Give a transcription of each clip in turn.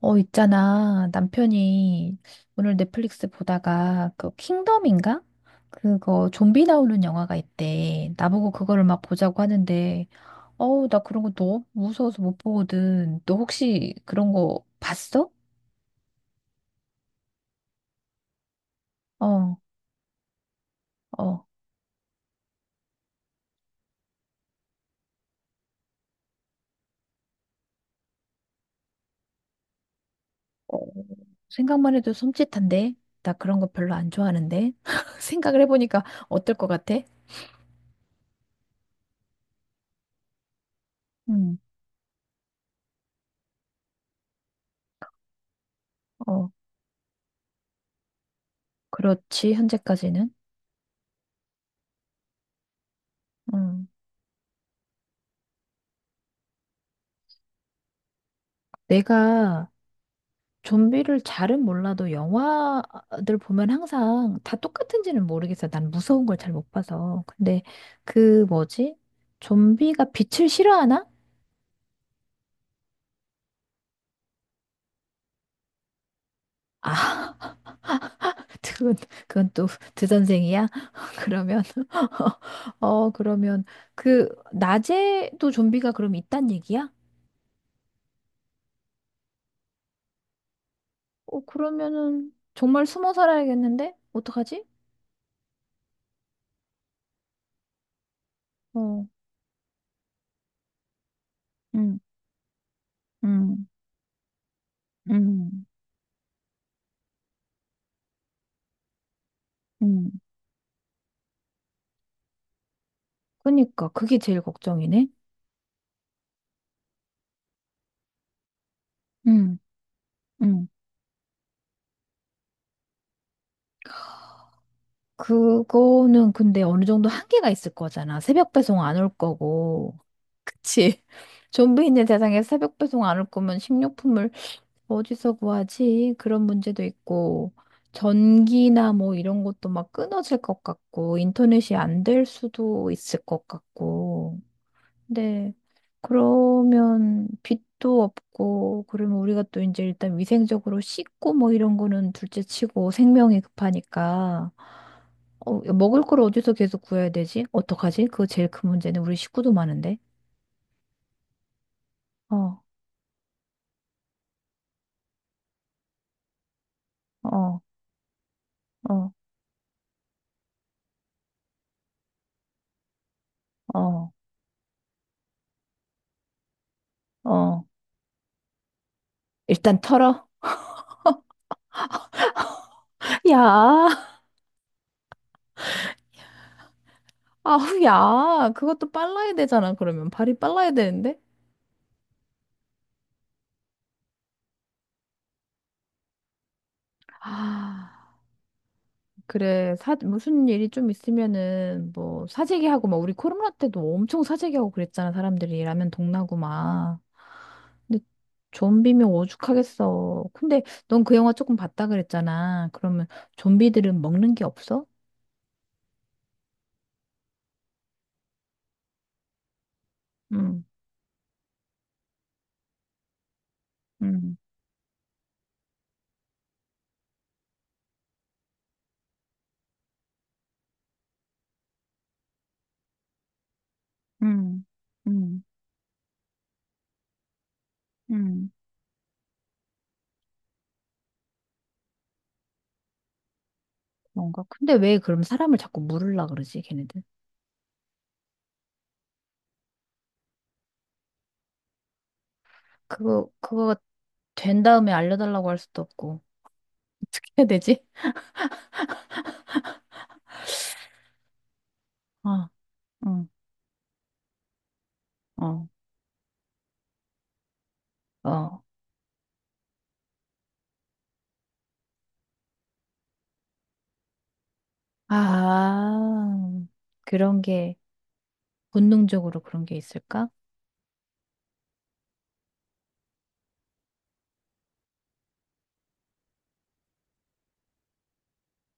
있잖아. 남편이 오늘 넷플릭스 보다가 그 킹덤인가? 그거 좀비 나오는 영화가 있대. 나보고 그거를 막 보자고 하는데, 어우, 나 그런 거 너무 무서워서 못 보거든. 너 혹시 그런 거 봤어? 어, 어. 어, 생각만 해도 섬찟한데? 나 그런 거 별로 안 좋아하는데? 생각을 해보니까 어떨 것 같아? 음, 어, 그렇지, 현재까지는. 음. 내가 좀비를 잘은 몰라도 영화들 보면 항상 다 똑같은지는 모르겠어요. 난 무서운 걸 잘 못 봐서. 근데 그 뭐지? 좀비가 빛을 싫어하나? 아, 그건, 그건 또 드선생이야? 그러면, 어, 그러면 그 낮에도 좀비가 그럼 있단 얘기야? 어, 그러면은 정말 숨어 살아야겠는데? 어떡하지? 어, 응, 응, 응, 응. 그니까 그게 제일 걱정이네. 응, 응. 그거는 근데 어느 정도 한계가 있을 거잖아. 새벽 배송 안 올 거고. 그치? 좀비 있는 세상에 새벽 배송 안 올 거면 식료품을 어디서 구하지? 그런 문제도 있고. 전기나 뭐 이런 것도 막 끊어질 것 같고, 인터넷이 안 될 수도 있을 것 같고. 네. 그러면 빛도 없고, 그러면 우리가 또 이제 일단 위생적으로 씻고 뭐 이런 거는 둘째 치고 생명이 급하니까, 먹을 걸 어디서 계속 구해야 되지? 어떡하지? 그거 제일 큰 문제는 우리 식구도 많은데. 어, 어, 어, 어, 어. 일단 털어. 야, 아우, 야. 그것도 빨라야 되잖아, 그러면. 발이 빨라야 되는데? 아. 그래, 무슨 일이 좀 있으면은, 뭐, 사재기하고, 막, 우리 코로나 때도 엄청 사재기하고 그랬잖아, 사람들이. 라면 동나고 막. 근데 좀비면 오죽하겠어. 근데 넌 그 영화 조금 봤다 그랬잖아. 그러면 좀비들은 먹는 게 없어? 응, 응, 응, 응, 응. 뭔가 근데 왜 그럼 사람을 자꾸 물으려 그러지, 걔네들? 그거 된 다음에 알려달라고 할 수도 없고. 어떻게 해야 되지? 아, 응, 어, 어, 아, 그런 게, 본능적으로 그런 게 있을까?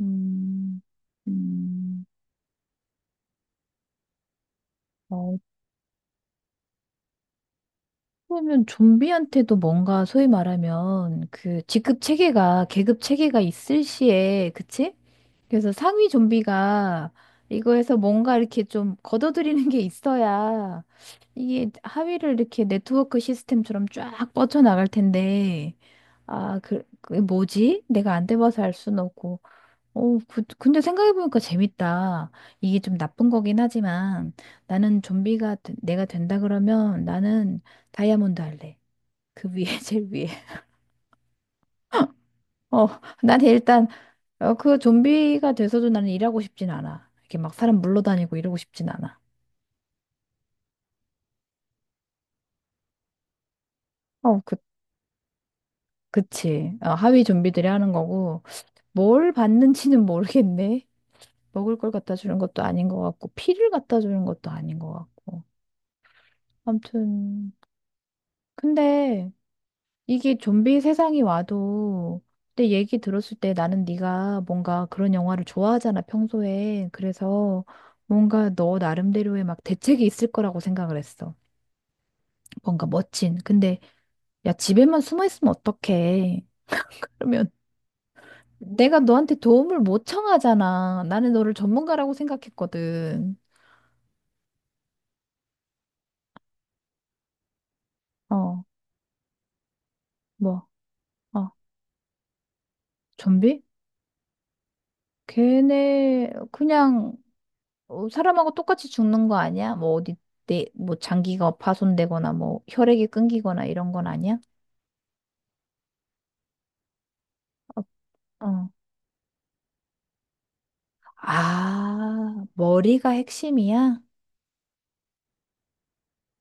음, 음, 어, 그러면 좀비한테도 뭔가 소위 말하면 그 직급 체계가, 계급 체계가 있을 시에, 그치? 그래서 상위 좀비가 이거에서 뭔가 이렇게 좀 걷어들이는 게 있어야 이게 하위를 이렇게 네트워크 시스템처럼 쫙 뻗쳐나갈 텐데, 아, 그 뭐지? 내가 안 돼봐서 알 수는 없고. 오, 근데 생각해보니까 재밌다. 이게 좀 나쁜 거긴 하지만 나는 내가 된다 그러면 나는 다이아몬드 할래. 그 위에, 제일 위에. 어, 난 일단 그 좀비가 돼서도 나는 일하고 싶진 않아. 이렇게 막 사람 물러다니고 이러고 싶진 않아. 어, 그, 그치. 하위 좀비들이 하는 거고 뭘 받는지는 모르겠네. 먹을 걸 갖다 주는 것도 아닌 것 같고 피를 갖다 주는 것도 아닌 것 같고. 아무튼 근데 이게 좀비 세상이 와도 내 얘기 들었을 때 나는 네가 뭔가 그런 영화를 좋아하잖아, 평소에. 그래서 뭔가 너 나름대로의 막 대책이 있을 거라고 생각을 했어. 뭔가 멋진. 근데 야, 집에만 숨어 있으면 어떡해. 그러면 내가 너한테 도움을 못 청하잖아. 나는 너를 전문가라고 생각했거든. 어, 뭐, 어, 좀비? 걔네 그냥 사람하고 똑같이 죽는 거 아니야? 뭐 어디 뭐 장기가 파손되거나 뭐 혈액이 끊기거나 이런 건 아니야? 어. 아, 머리가 핵심이야?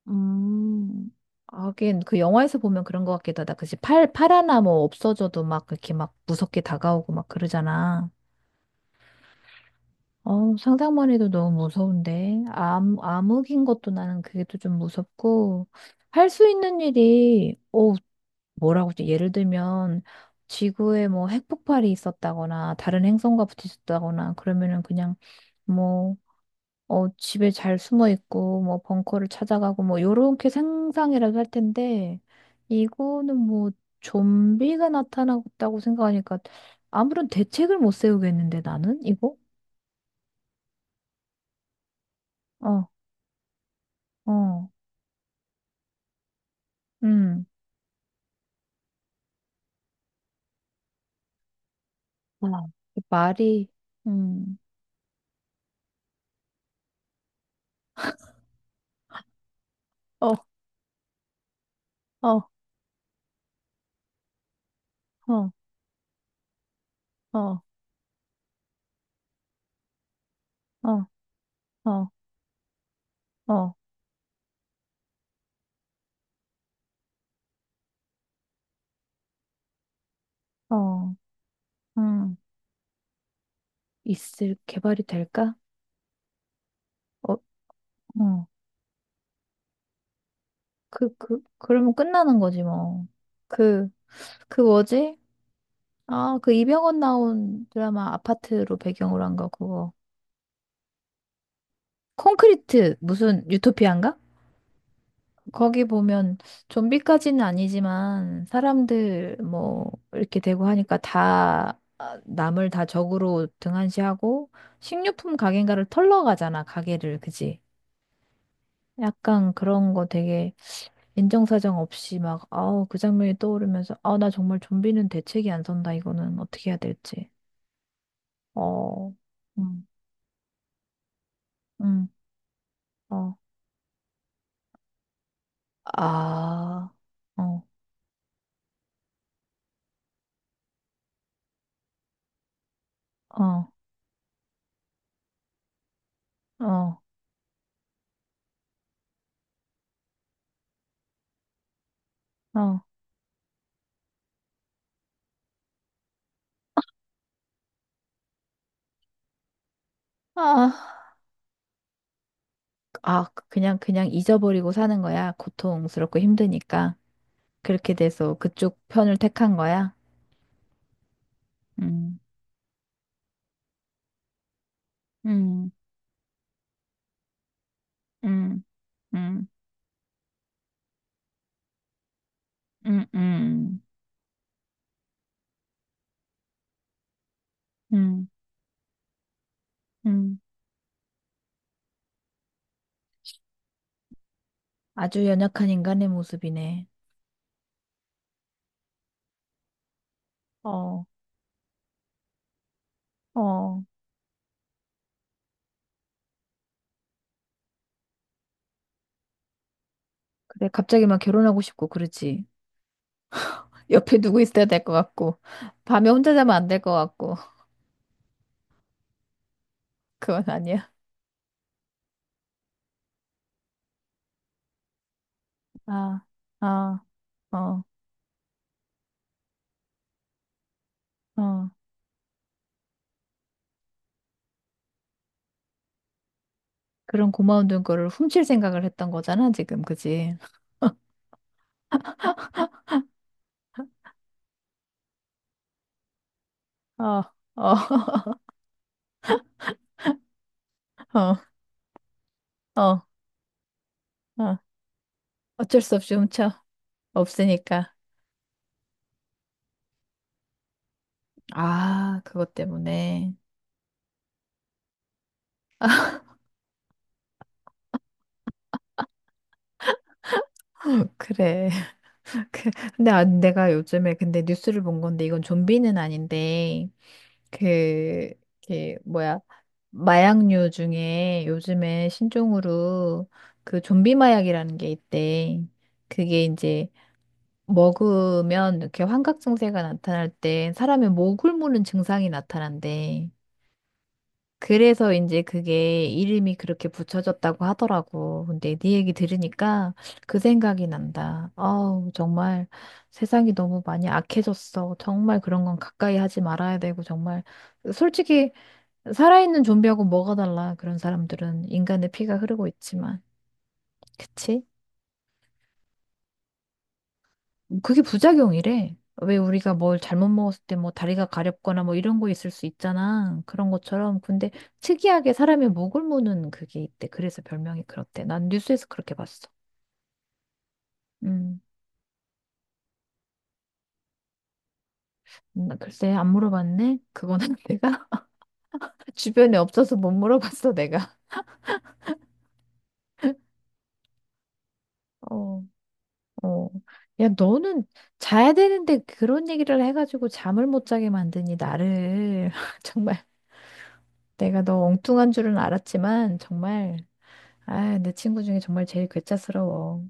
음. 하긴 그 영화에서 보면 그런 것 같기도 하다. 그치? 팔 하나 뭐 없어져도 막 그렇게 막 무섭게 다가오고 막 그러잖아. 어, 상상만 해도 너무 무서운데. 암흑인 것도 나는 그게 또 좀 무섭고. 할 수 있는 일이, 뭐라고 좀 예를 들면 지구에 뭐 핵폭발이 있었다거나 다른 행성과 부딪혔다거나 그러면은 그냥 뭐 집에 잘 숨어 있고 뭐 벙커를 찾아가고 뭐 요렇게 상상이라도 할 텐데 이거는 뭐 좀비가 나타났다고 생각하니까 아무런 대책을 못 세우겠는데 나는 이거 어, 어, 음. 아, 말이 음. 어, 어, 어, 어, 어, 어, 어, 어, 음. 있을 개발이 될까? 어, 어. 그러면 끝나는 거지 뭐. 그, 그 뭐지? 아, 그 이병헌 나온 드라마 아파트로 배경으로 한 거 그거. 콘크리트 무슨 유토피아인가? 거기 보면 좀비까지는 아니지만 사람들 뭐 이렇게 되고 하니까 다 아, 남을 다 적으로 등한시하고 식료품 가게인가를 털러 가잖아 가게를 그지? 약간 그런 거 되게 인정사정 없이 막, 아우, 그 장면이 떠오르면서, 아, 나 정말 좀비는 대책이 안 선다, 이거는 어떻게 해야 될지. 어, 음, 음, 어, 아, 어, 어, 어, 어, 아, 아, 그냥 잊어버리고 사는 거야. 고통스럽고 힘드니까. 그렇게 돼서 그쪽 편을 택한 거야. 음, 음, 음, 음, 음, 음, 음, 음. 아주 연약한 인간의 모습이네. 어, 어. 그래, 갑자기 막 결혼하고 싶고, 그러지. 옆에 누구 있어야 될 것 같고, 밤에 혼자 자면 안 될 것 같고, 그건 아니야. 아, 아, 어, 어. 그런 고마운 돈거를 훔칠 생각을 했던 거잖아, 지금, 그지? 어, 어, 어, 어, 어. 어쩔 수 없이 훔쳐. 없으니까. 아, 그것 때문에. 그래. 그 근데 아, 내가 요즘에 근데 뉴스를 본 건데 이건 좀비는 아닌데 그, 그 뭐야 마약류 중에 요즘에 신종으로 그 좀비 마약이라는 게 있대. 그게 이제 먹으면 이렇게 환각 증세가 나타날 때 사람의 목을 무는 증상이 나타난대. 그래서 이제 그게 이름이 그렇게 붙여졌다고 하더라고. 근데 네 얘기 들으니까 그 생각이 난다. 아우, 정말 세상이 너무 많이 악해졌어. 정말 그런 건 가까이 하지 말아야 되고, 정말. 솔직히, 살아있는 좀비하고 뭐가 달라. 그런 사람들은 인간의 피가 흐르고 있지만. 그치? 그게 부작용이래. 왜 우리가 뭘 잘못 먹었을 때 뭐 다리가 가렵거나 뭐 이런 거 있을 수 있잖아. 그런 것처럼. 근데 특이하게 사람의 목을 무는 그게 있대. 그래서 별명이 그렇대. 난 뉴스에서 그렇게 봤어. 음. 나 글쎄 안 물어봤네. 그거는 내가 주변에 없어서 못 물어봤어, 내가. 어, 어. 야, 너는 자야 되는데 그런 얘기를 해가지고 잠을 못 자게 만드니 나를 정말 내가 너 엉뚱한 줄은 알았지만 정말 아, 내 친구 중에 정말 제일 괴짜스러워.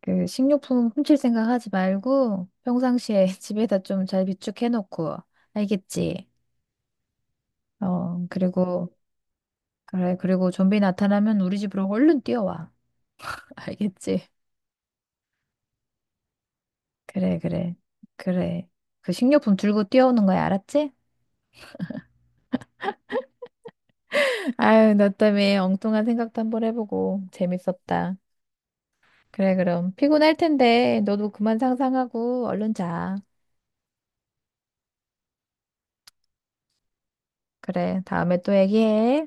그 식료품 훔칠 생각 하지 말고 평상시에 집에다 좀 잘 비축해놓고 알겠지? 어, 그리고 그래 그리고 좀비 나타나면 우리 집으로 얼른 뛰어와. 알겠지? 그래, 그래, 그래. 그 식료품 들고 뛰어오는 거야, 알았지? 아유, 나 때문에 엉뚱한 생각도 한번 해보고 재밌었다. 그래, 그럼 피곤할 텐데 너도 그만 상상하고 얼른 자. 그래, 다음에 또 얘기해.